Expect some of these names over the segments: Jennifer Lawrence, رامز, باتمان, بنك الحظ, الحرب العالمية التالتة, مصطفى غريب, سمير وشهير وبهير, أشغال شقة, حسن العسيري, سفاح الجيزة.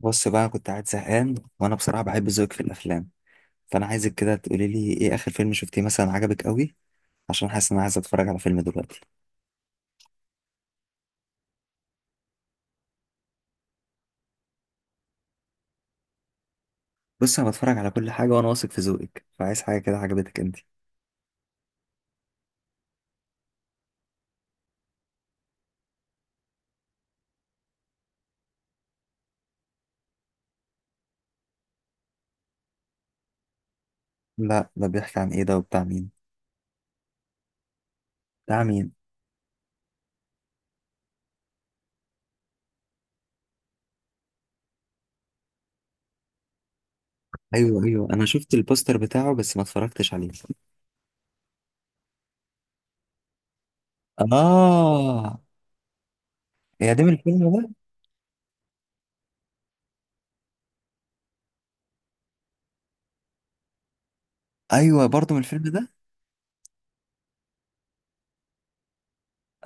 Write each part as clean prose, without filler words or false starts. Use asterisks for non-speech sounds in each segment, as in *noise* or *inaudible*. بص بقى، كنت قاعد زهقان. وانا بصراحه بحب ذوقك في الافلام، فانا عايزك كده تقولي لي ايه اخر فيلم شفتيه مثلا عجبك قوي؟ عشان حاسس ان انا عايز اتفرج على فيلم دلوقتي. بص، انا بتفرج على كل حاجه وانا واثق في ذوقك، فعايز حاجه كده عجبتك انت. لا، ده بيحكي عن ايه؟ ده وبتاع مين؟ بتاع مين؟ ايوه ايوه، انا شفت البوستر بتاعه بس ما اتفرجتش عليه. اه، يا ده من الفيلم ده؟ ايوه، برضه من الفيلم ده؟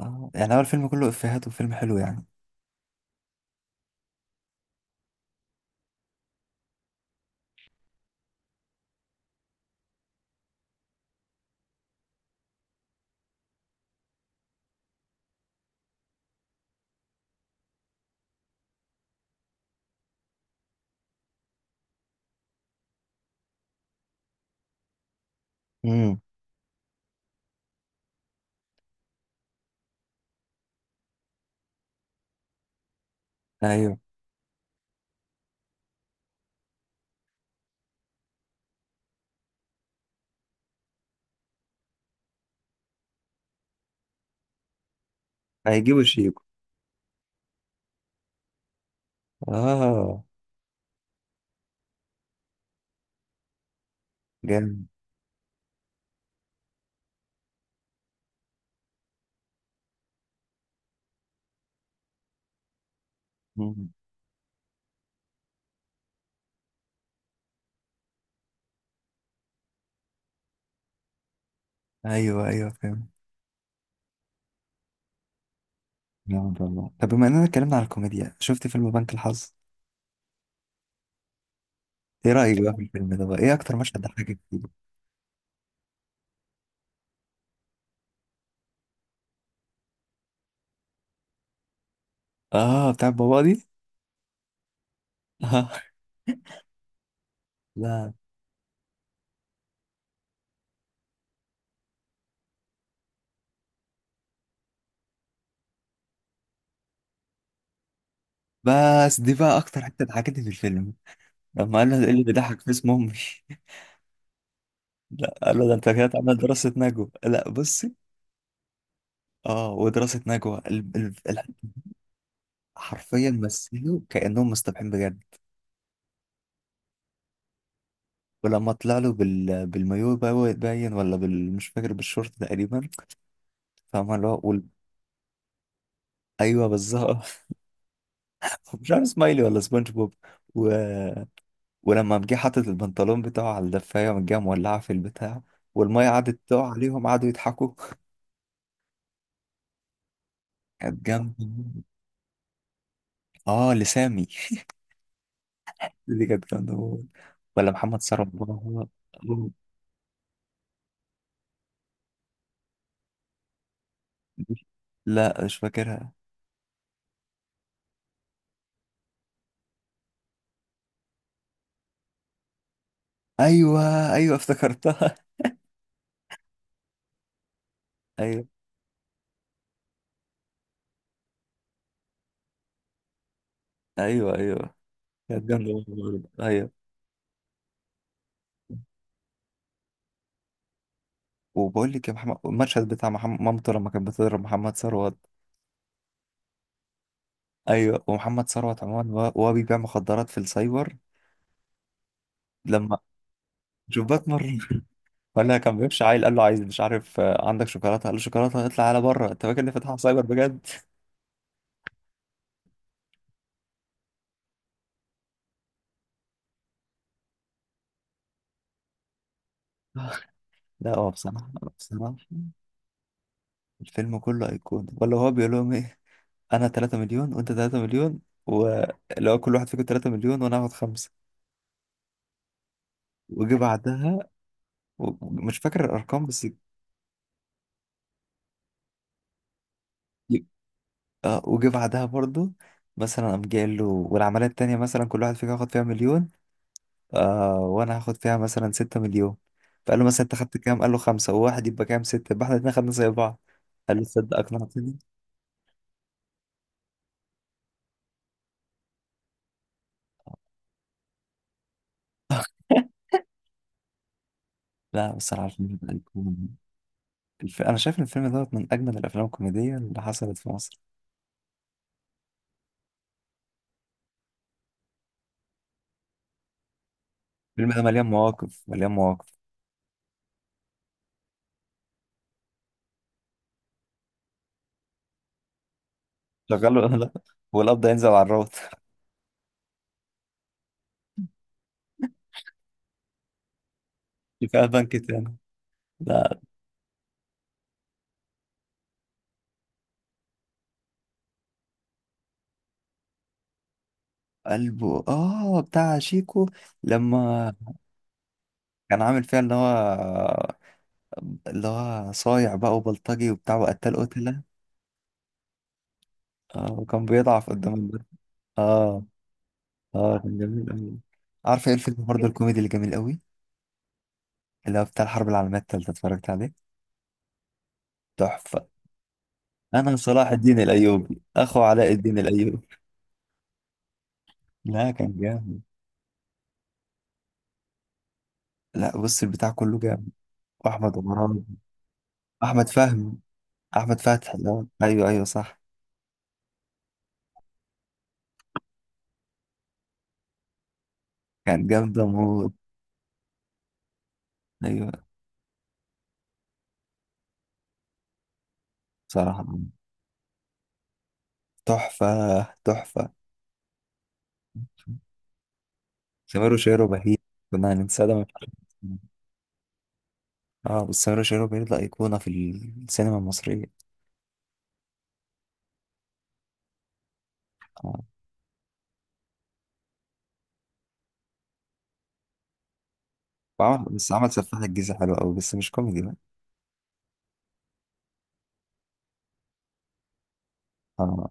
اه، يعني هو الفيلم كله افيهات وفيلم حلو يعني؟ امم. ايوه، هيجيبوا شيكو. اه، جامد. ايوه ايوه، فاهم. لا ما شاء الله، طب بما اننا اتكلمنا على الكوميديا، شفت فيلم بنك الحظ؟ ايه رايك بقى في الفيلم ده؟ بقى ايه اكتر مشهد ضحكك فيه؟ اه، بتاع بابا دي. *laughs* آه. لا، بس دي بقى اكتر حته ضحكتني في الفيلم، لما قال له ايه اللي بيضحك في اسم امي. *laughs* لا، قال له ده انت كده تعمل دراسه نجوى. لا بصي، اه ودراسه نجوى ال... حرفيا مثلوا كانهم مصطبحين بجد. ولما طلع له بالمايو باين، ولا مش فاكر، بالشورت تقريبا. فاهمه اللي هو ايوه بالظبط. مش عارف سمايلي ولا سبونج بوب، و... ولما قام جه حاطط البنطلون بتاعه على الدفايه، وقام جه مولعه في البتاع، والميه قعدت تقع عليهم قعدوا يضحكوا. كانت جامده موت. اه، لسامي. *laughs* دي كانت جامده موت. ولا محمد ثروت؟ *laughs* بابا. لا مش فاكرها. ايوه ايوه، افتكرتها. *laughs* ايوه ايوه ايوه، كانت جامده موت برضه. ايوه. وبقول لك يا محمد، المشهد بتاع محمد، مامته لما كانت بتضرب محمد ثروت. ايوه، ومحمد ثروت عموما، وهو بيبيع مخدرات في السايبر. لما شوف باتمان. *laughs* ولا كان بيمشي عيل قال له عايز، مش عارف، عندك شوكولاته؟ قال له شوكولاته اطلع على بره، انت فاكر ان فتحها سايبر بجد؟ *laughs* لا هو بصراحه، بصراحه الفيلم كله ايقونه. ولا هو بيقول لهم ايه؟ انا 3 مليون وانت 3 مليون، واللي هو كل واحد فيكم 3 مليون وانا هاخد خمسه. وجي بعدها، مش فاكر الارقام بس. ي- اه، وجي بعدها برضو، مثلا قام جاي له والعمليه التانيه، مثلا كل واحد فيكم هاخد فيها مليون، آه وانا هاخد فيها مثلا ستة مليون. فقال له مثلا انت خدت كام؟ قال له خمسة وواحد يبقى كام؟ ستة، يبقى احنا الاتنين خدنا زي بعض. قال له تصدق اقنعتني. لا بس انا عارف إن انا شايف ان الفيلم دوت من اجمل الافلام الكوميدية اللي حصلت في مصر. الفيلم ده مليان مواقف مليان مواقف. شغله. *laughs* لا، هو القبض ينزل على الروت. *laughs* كفاية بنك تاني. لا قلبه، اه بتاع شيكو. لما كان عامل فيها اللي هو، اللي هو صايع بقى وبلطجي وبتاع وقتل قتلة، وكان بيضعف قدام. اه. اه كان جميل قوي. عارف ايه الفيلم برضه الكوميدي اللي جميل قوي؟ اللي هو بتاع الحرب العالمية التالتة، اتفرجت عليه؟ تحفة. انا صلاح الدين الايوبي اخو علاء الدين الايوبي. لا كان جامد. لا بص، البتاع كله جامد. واحمد مراد، احمد فهمي، احمد فتحي. آه. ايوه ايوه صح. كان جامد موت. ايوه. صراحة تحفة. تحفة. سمير وشهير وبهير، كنا هننساه ده، ما ينفعش. اه، بس سمير وشهير وبهير ده ايقونة في السينما المصرية. آه. وعمل، بس عمل سفاح الجيزة حلو أوي بس مش كوميدي بقى. آه.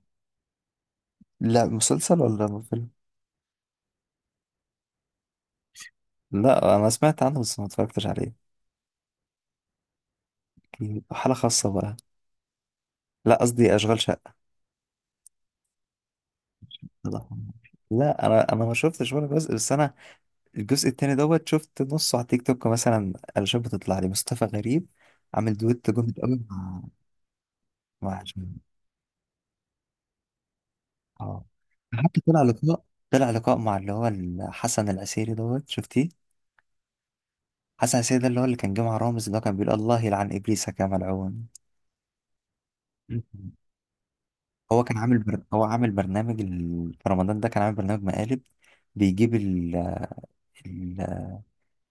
لا، مسلسل ولا فيلم؟ لا أنا سمعت عنه بس ما اتفرجتش عليه. أكيد. حالة خاصة بقى. لا، قصدي أشغال شقة. الله يرحمه. لا أنا، ما شفتش ولا جزء، بس أنا الجزء التاني دوت، شفت نصه على تيك توك مثلا، علشان بتطلع لي مصطفى غريب عامل دويت جامد أوي مع، مع جميل. اه. حتى طلع لقاء. طلع لقاء مع اللي هو حسن العسيري دوت، شفتيه؟ حسن العسيري، ده اللي هو اللي كان جه مع رامز، اللي هو كان بيقول الله يلعن إبليس كما لعون. مم. هو كان عامل هو عامل برنامج في رمضان ده كان عامل برنامج مقالب، بيجيب ال...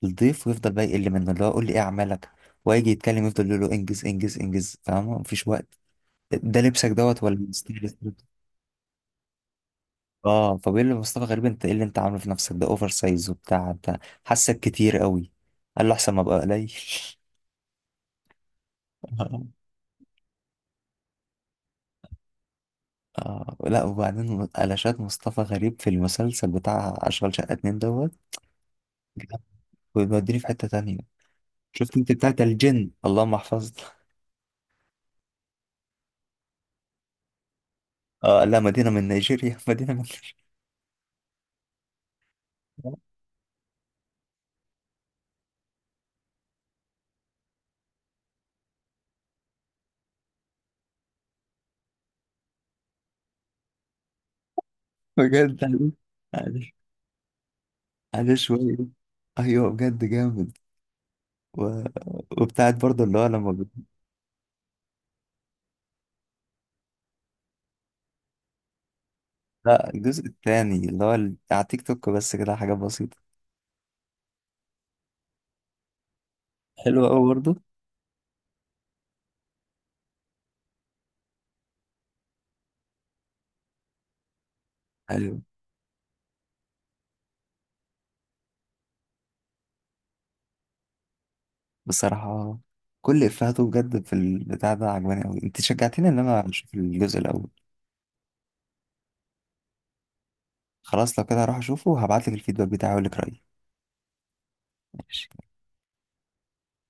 الضيف، ويفضل بقى يقل منه، اللي هو قول لي ايه اعمالك، ويجي يتكلم يفضل يقول له انجز انجز انجز، فاهمه؟ مفيش وقت. ده لبسك دوت ولا ستايل؟ اه، فبيقول له مصطفى غريب انت ايه اللي انت عامله في نفسك ده؟ اوفر سايز وبتاع. انت حاسك كتير قوي. قال له احسن ما ابقى قليل. *laughs* آه. لا وبعدين قلشات مصطفى غريب في المسلسل بتاع أشغال شقة اتنين دوت، بيوديني في حتة تانية. شفت انت بتاعت الجن اللهم احفظنا؟ اه. لا مدينة من نيجيريا. *laughs* مدينة من نيجيريا. بجد عليه. عليه. عليه شوية. ايوه بجد جامد. و... وبتاعت برضه اللي هو لما بت... لا، الجزء التاني اللي هو على تيك توك بس، كده حاجات بسيطة. حلوة قوي برضه. ايوه. بصراحة كل افهاته بجد في البتاع ده عجباني قوي. انت شجعتني ان انا اشوف الجزء الاول. خلاص لو كده هروح اشوفه، وهبعتلك الفيدباك بتاعي واقول لك رأيي. ماشي.